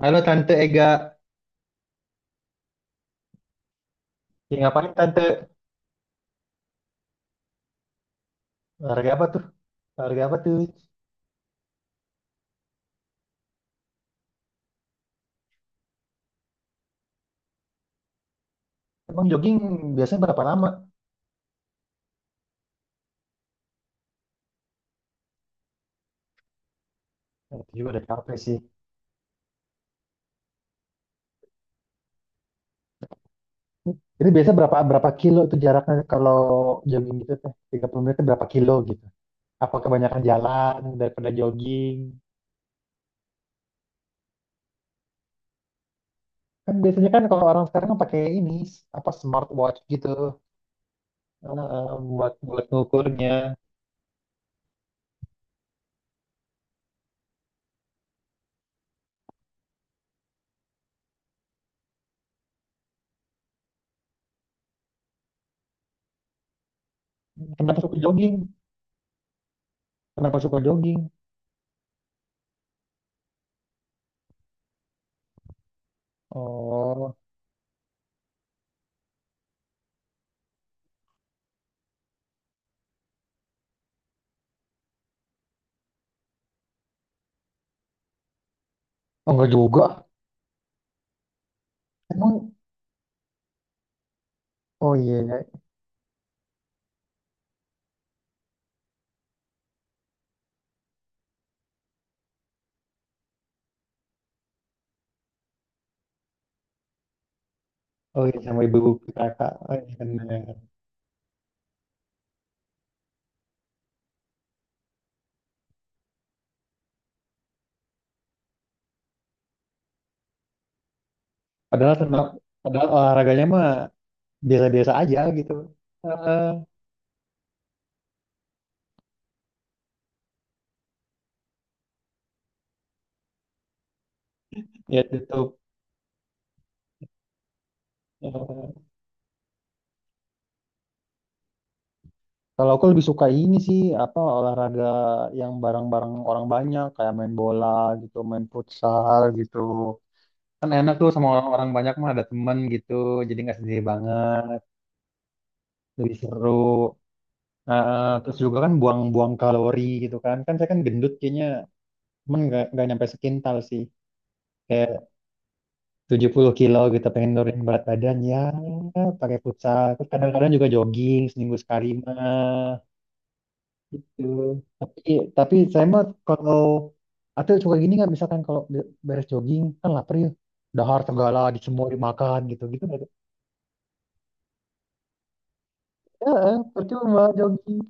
Halo Tante Ega, ya, ngapain Tante? Olahraga apa tuh? Olahraga apa tuh? Emang jogging biasanya berapa lama? Nanti juga udah capek sih. Jadi biasanya berapa berapa kilo tuh jaraknya kalau jogging gitu teh? 30 menit tuh berapa kilo gitu? Apa kebanyakan jalan daripada jogging? Kan biasanya kan kalau orang sekarang kan pakai ini apa smartwatch gitu buat buat ngukurnya. Kenapa suka jogging? Kenapa suka jogging? Oh, oh enggak juga. Emang oh iya, oh iya sama ibu-ibu PKK. Oh, iya, bener. Padahal tenang, padahal olahraganya mah biasa-biasa aja gitu. Eh, ya tutup. Eh, kalau aku lebih suka ini sih apa olahraga yang bareng-bareng orang banyak kayak main bola gitu, main futsal gitu. Kan enak tuh sama orang-orang banyak mah ada temen gitu, jadi nggak sendiri banget, lebih seru. Nah, terus juga kan buang-buang kalori gitu kan. Kan saya kan gendut kayaknya, cuman nggak nyampe sekintal sih. 70 kilo gitu pengen nurunin berat badan ya, pakai futsal terus kadang-kadang juga jogging seminggu sekali mah gitu. tapi tapi saya mah kalau atau suka gini nggak, misalkan kalau beres jogging kan lapar ya, dahar segala di semua dimakan gitu, gitu nggak tuh? Ya percuma jogging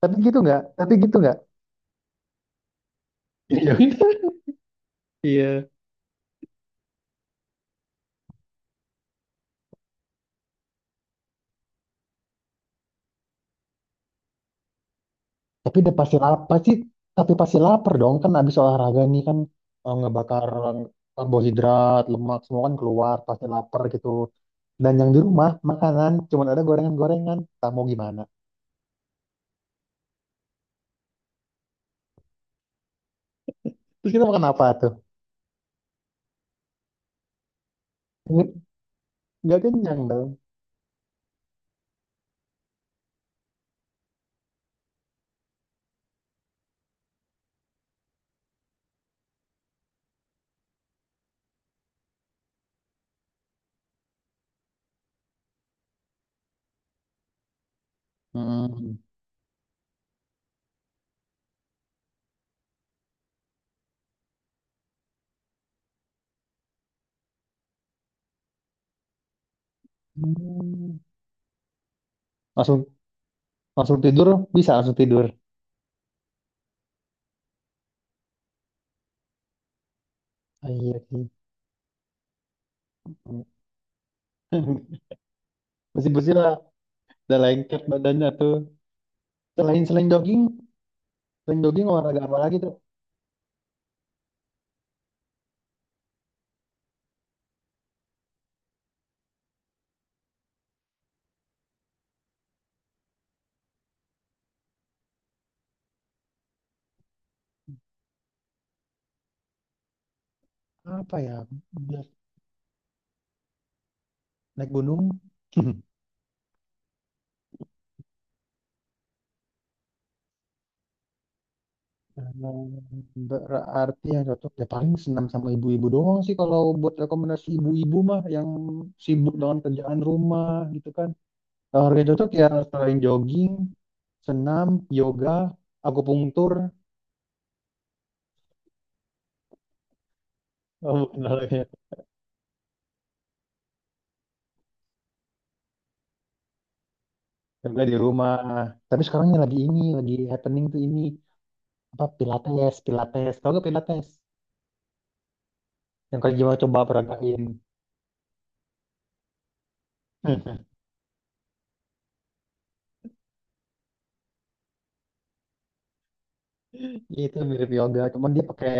tapi gitu nggak, tapi gitu nggak. Jadi jogging. Iya. Tapi udah pasti lapar pasti, tapi pasti lapar dong kan abis olahraga nih kan, ngebakar karbohidrat, lemak semua kan keluar pasti lapar gitu. Dan yang di rumah makanan cuman ada gorengan-gorengan. Tak mau gimana? Terus kita makan apa tuh? Nge- Nggak kenyang dong. Hmm. Hmm. Langsung langsung tidur, bisa langsung tidur. Ah, iya sih. Besi-besi lah, udah lengket badannya tuh. Selain selain jogging olahraga apa lagi tuh? Apa ya? Bias- Naik gunung. Eh, Berarti yang cocok ya paling senam sama ibu-ibu doang sih, kalau buat rekomendasi ibu-ibu mah yang sibuk dengan kerjaan rumah gitu kan. Olahraga yang cocok ya selain jogging, senam, yoga, akupunktur. Oh, bukan olahraga. Yoga di rumah. Tapi sekarang yang lagi ini, lagi happening tuh ini apa, Pilates, Pilates. Tahu gak Pilates? Yang kalau gimana coba peragain. Itu mirip yoga, cuman dia pakai,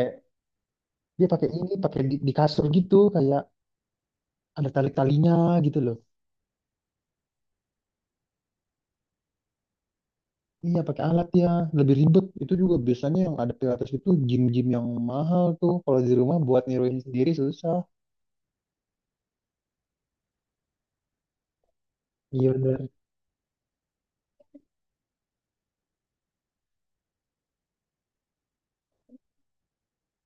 dia pakai ini, pakai di kasur gitu kayak ada tali-talinya gitu loh. Iya pakai alat ya, lebih ribet. Itu juga biasanya yang ada pilates itu gym-gym yang mahal tuh. Kalau di rumah buat niruin sendiri susah. Iya benar.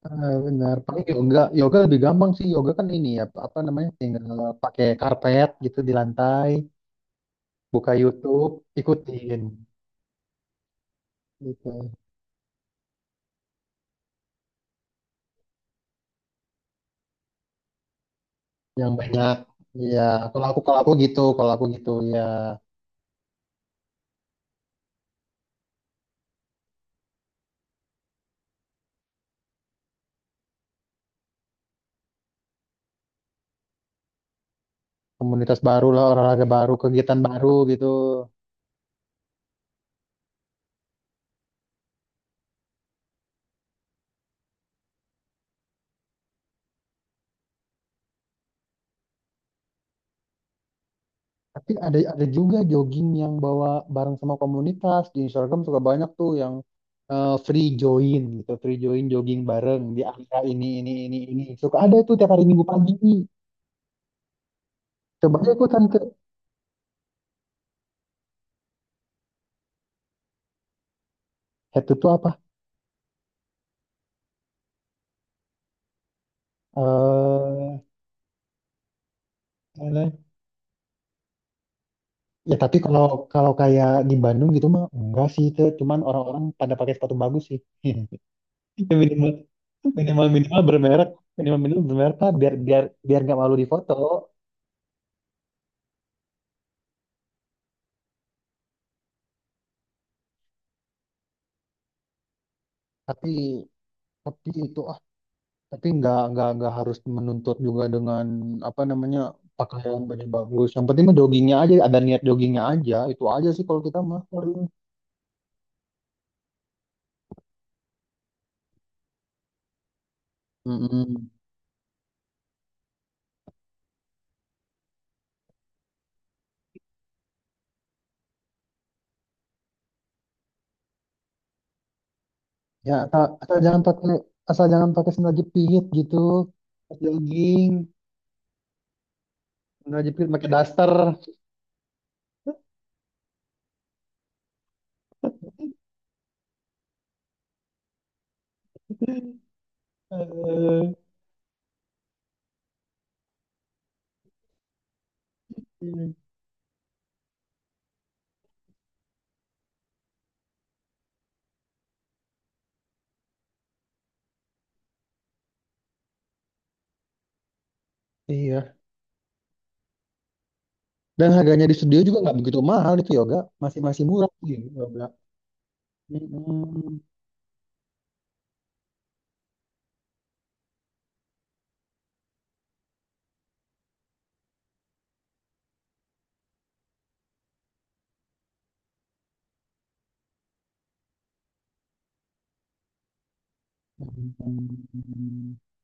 Ah, benar. Paling yoga, yoga lebih gampang sih. Yoga kan ini ya, apa namanya? Tinggal pakai karpet gitu di lantai, buka YouTube, ikutin gitu. Yang banyak. Iya, kalau aku, kalau aku gitu ya, komunitas baru lah, olahraga baru, kegiatan baru gitu. Tapi ada juga jogging yang bawa bareng sama komunitas di Instagram, suka banyak tuh yang free join gitu, free join jogging bareng di area ini ini. Suka ada itu tiap hari Minggu pagi. Coba aja ikutan ke itu tuh apa? Eh apa? Ya tapi kalau kalau kayak di Bandung gitu mah enggak sih, itu cuman orang-orang pada pakai sepatu bagus sih. Ya minimal, minimal bermerek, minimal minimal bermerek lah, biar biar biar nggak malu di foto. Tapi tapi itu, tapi nggak harus menuntut juga dengan apa namanya, pakaian baju bagus. Yang penting mah joggingnya aja, ada niat joggingnya aja. Itu aja sih kalau kita mah. Mm-mm. Ya asal, asal jangan pakai, asal jangan pakai sandal jepit gitu. Pas jogging, sandal jepit pakai daster. Eh, iya. Dan harganya di studio juga nggak begitu mahal itu yoga, masih masih murah sih yoga. Mm-mm.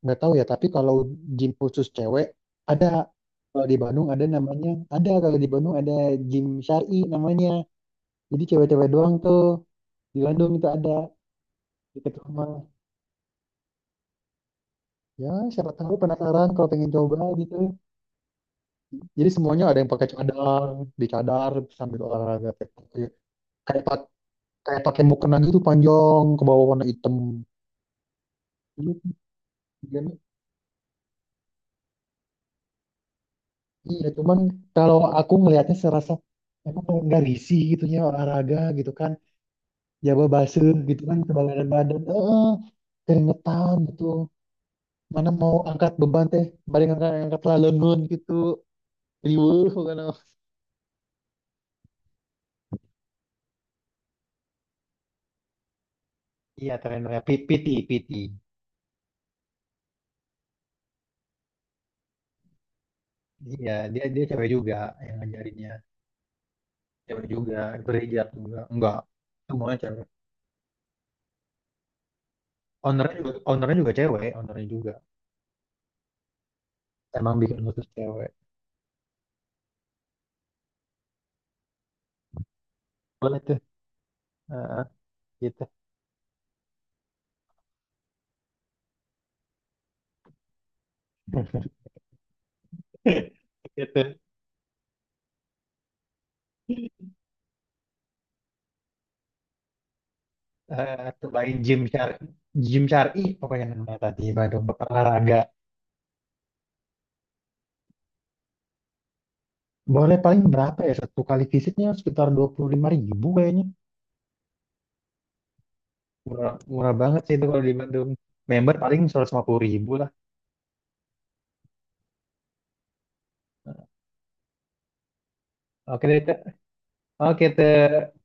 Nggak tahu ya, tapi kalau gym khusus cewek ada, kalau di Bandung ada namanya, ada kalau di Bandung ada gym syari namanya, jadi cewek-cewek doang tuh, di Bandung itu ada, deket rumah. Ya siapa tahu penasaran kalau pengen coba gitu. Jadi semuanya ada yang pakai cadar, di cadar sambil olahraga kayak kayak pak- kayak pakai mukena gitu panjang ke bawah warna hitam. Gitu. Iya, cuman kalau aku ngelihatnya serasa emang nggak risih gitunya olahraga gitu kan, jaba basah gitu kan kebanyakan badan, eh, keringetan gitu. Mana mau angkat beban teh, balik angkat angkat lah gitu, riweuh bukan? Iya, trenernya PT, PT. Iya, dia dia cewek juga yang ngajarinnya. Cewek juga, berhijab juga. Enggak, semuanya cewek. Ownernya juga cewek, ownernya juga. Emang bikin khusus cewek. Boleh tuh, heeh, gitu. Gitu. Eh Dubai Gym Syari, Gym Syari pokoknya namanya tadi Bandung olahraga. Boleh paling berapa ya? Satu kali visitnya sekitar 25 ribu kayaknya. Murah, murah banget sih itu kalau di Bandung. Member paling 150 ribu lah. Oke deh, Teh. Oke, Teh.